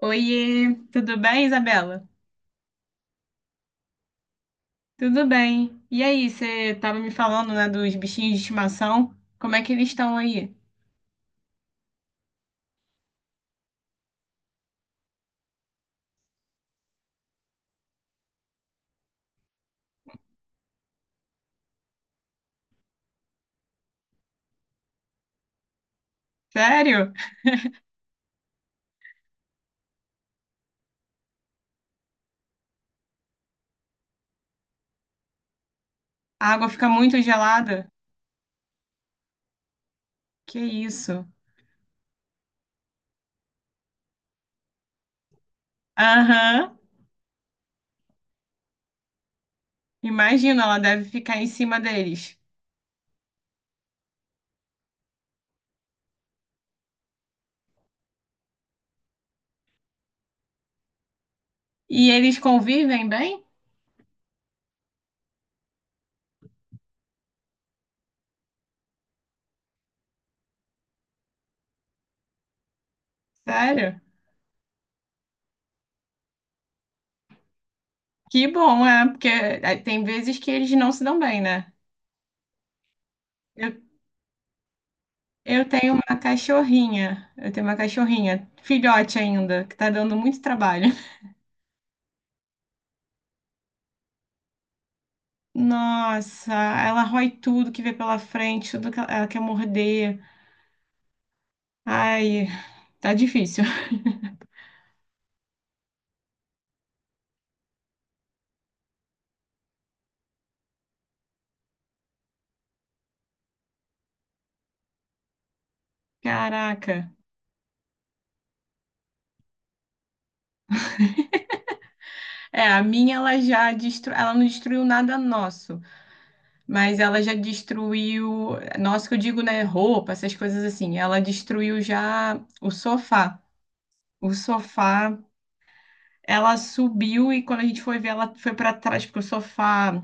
Oiê, tudo bem, Isabela? Tudo bem. E aí, você tava me falando, né, dos bichinhos de estimação? Como é que eles estão aí? Sério? A água fica muito gelada? Que isso? Aham. Imagina, ela deve ficar em cima deles. E eles convivem bem? Sério? Que bom, é, porque é, tem vezes que eles não se dão bem, né? Eu, eu tenho uma cachorrinha, eu tenho uma cachorrinha, filhote ainda, que tá dando muito trabalho. Nossa, ela rói tudo que vê pela frente, tudo que ela quer morder. Ai, tá difícil. Caraca. É, a minha ela já destruiu, ela não destruiu nada nosso, mas ela já destruiu, nosso que eu digo, né, roupa, essas coisas assim. Ela destruiu já o sofá. O sofá, ela subiu e quando a gente foi ver, ela foi para trás, porque o sofá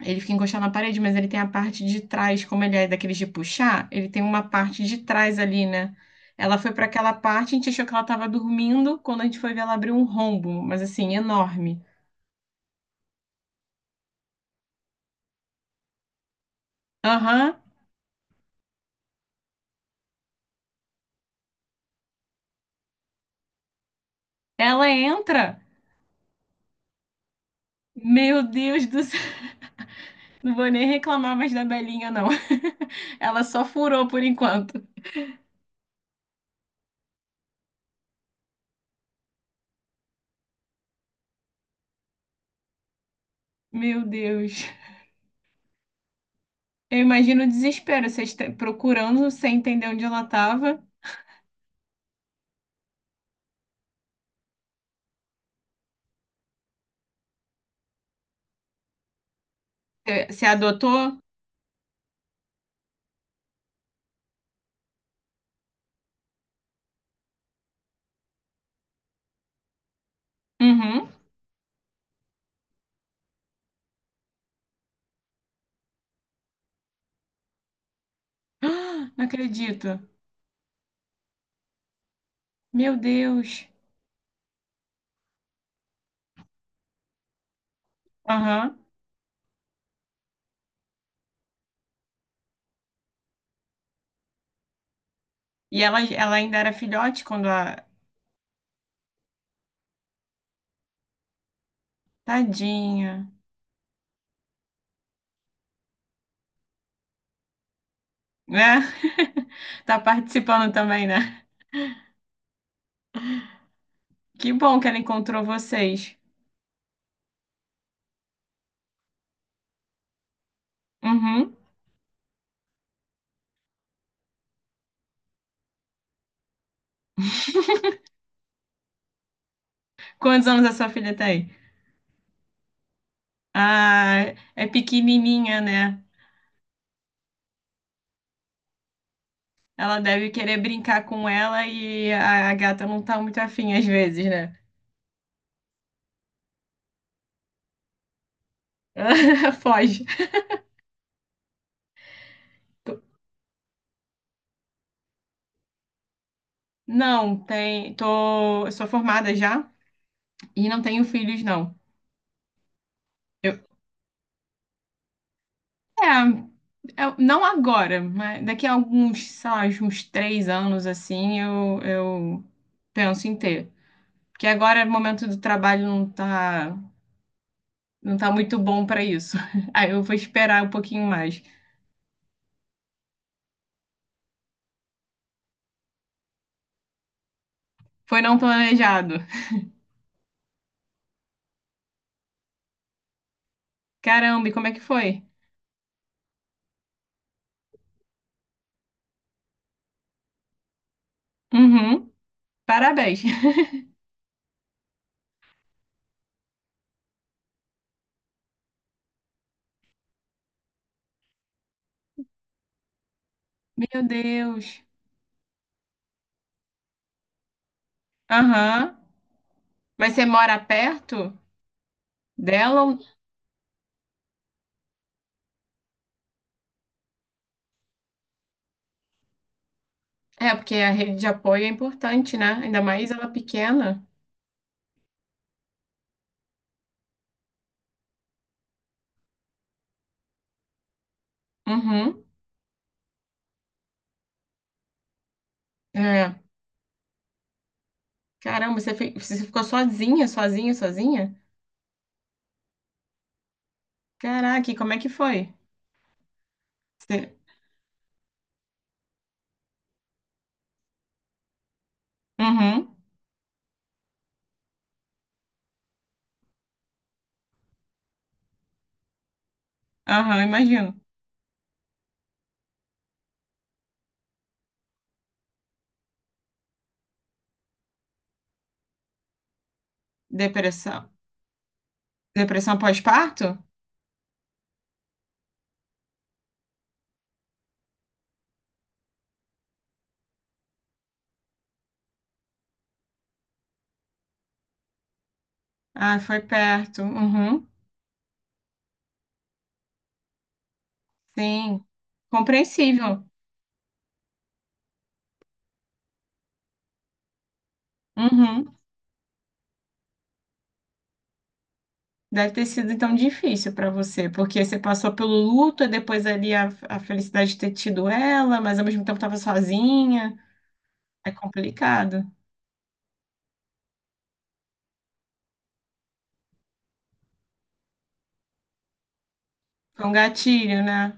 ele fica encostado na parede, mas ele tem a parte de trás, como ele é daqueles de puxar, ele tem uma parte de trás ali, né? Ela foi para aquela parte, a gente achou que ela estava dormindo, quando a gente foi ver, ela abriu um rombo, mas assim, enorme. Aham, ela entra. Meu Deus do céu, não vou nem reclamar mais da Belinha, não. Ela só furou por enquanto. Meu Deus. Eu imagino o desespero, vocês procurando sem entender onde ela estava. Você adotou? Uhum. Ah, não acredito. Meu Deus. Aham. E ela ainda era filhote quando a. Tadinha. Né? Tá participando também, né? Que bom que ela encontrou vocês. Uhum. Quantos anos a sua filha tem? Ah, é pequenininha, né? Ela deve querer brincar com ela e a gata não tá muito afim às vezes, né? Foge. Não, tem. Eu sou formada já e não tenho filhos, não. Eu, É, não agora, mas daqui a alguns, sei lá, uns 3 anos assim, eu penso em ter. Porque agora o momento do trabalho não tá, muito bom para isso. Aí eu vou esperar um pouquinho mais. Foi não planejado. Caramba, e como é que foi? Uhum, parabéns. Meu Deus. Aham. Mas você mora perto dela? É, porque a rede de apoio é importante, né? Ainda mais ela pequena. Uhum. É. Caramba, você ficou sozinha, sozinha, sozinha? Caraca, e como é que foi? Você... Uhum, aham, imagino. Depressão. Depressão pós-parto? Ah, foi perto. Uhum, sim. Compreensível. Uhum. Deve ter sido então difícil para você, porque você passou pelo luto, e depois ali a felicidade de ter tido ela, mas ao mesmo tempo estava sozinha. É complicado. Foi um gatilho, né?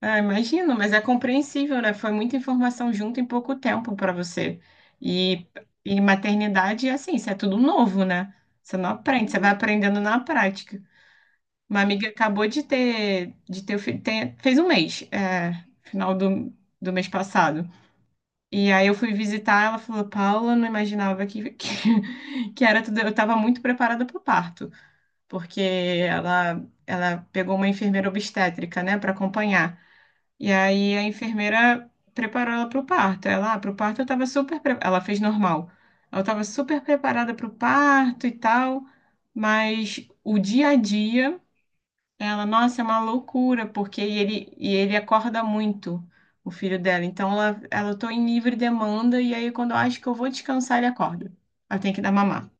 Ah, imagino, mas é compreensível, né? Foi muita informação junto em pouco tempo para você. E, e maternidade é assim, isso é tudo novo, né? Você não aprende, você vai aprendendo na prática. Uma amiga acabou de ter, fez um mês, é, final do mês passado. E aí eu fui visitar, ela falou, Paula, eu não imaginava que, que era tudo. Eu estava muito preparada para o parto, porque ela pegou uma enfermeira obstétrica, né, para acompanhar. E aí a enfermeira preparou ela para o parto. Ah, para o parto eu estava super, ela fez normal. Ela estava super preparada para o parto e tal, mas o dia a dia, ela, nossa, é uma loucura, porque ele acorda muito, o filho dela. Então ela, tô em livre demanda e aí quando eu acho que eu vou descansar, ele acorda. Ela tem que dar mamar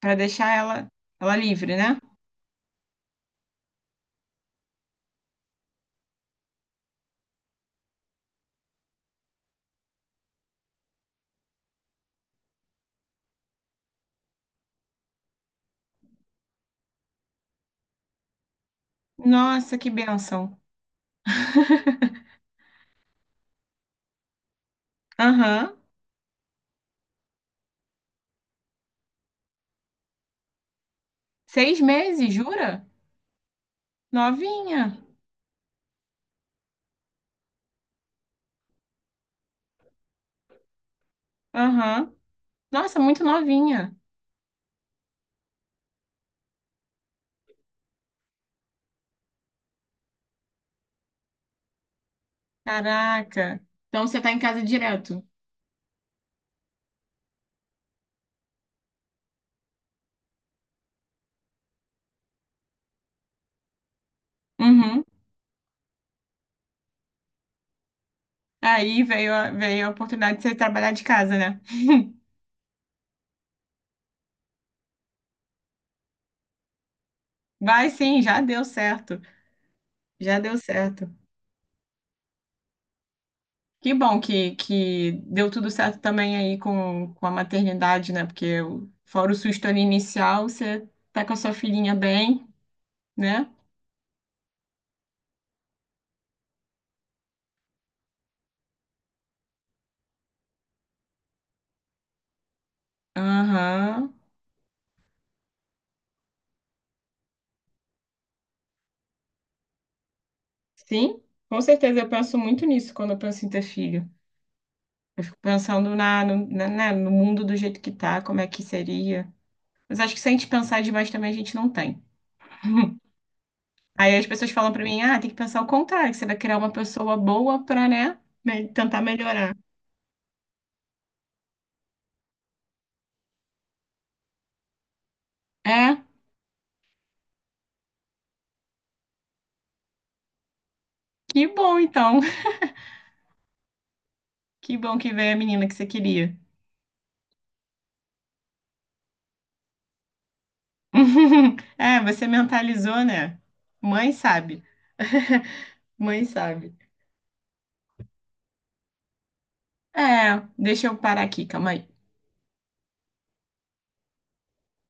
para deixar ela livre, né? Nossa, que bênção. Aham. 6 meses, jura? Novinha. Aham. Nossa, muito novinha. Caraca. Então você tá em casa direto. Uhum. Aí veio a oportunidade de você trabalhar de casa, né? Vai sim, já deu certo. Já deu certo. Que bom que deu tudo certo também aí com a maternidade, né? Porque fora o susto ali inicial, você tá com a sua filhinha bem, né? Aham. Sim, com certeza. Eu penso muito nisso quando eu penso em ter filho. Eu fico pensando na, no, na, né, no mundo do jeito que tá, como é que seria. Mas acho que se a gente pensar demais também, a gente não tem. Aí as pessoas falam pra mim, ah, tem que pensar o contrário, que você vai criar uma pessoa boa pra, né, tentar melhorar. É, que bom então. Que bom que veio a menina que você queria. É, você mentalizou, né? Mãe sabe. Mãe sabe. É, deixa eu parar aqui, calma aí.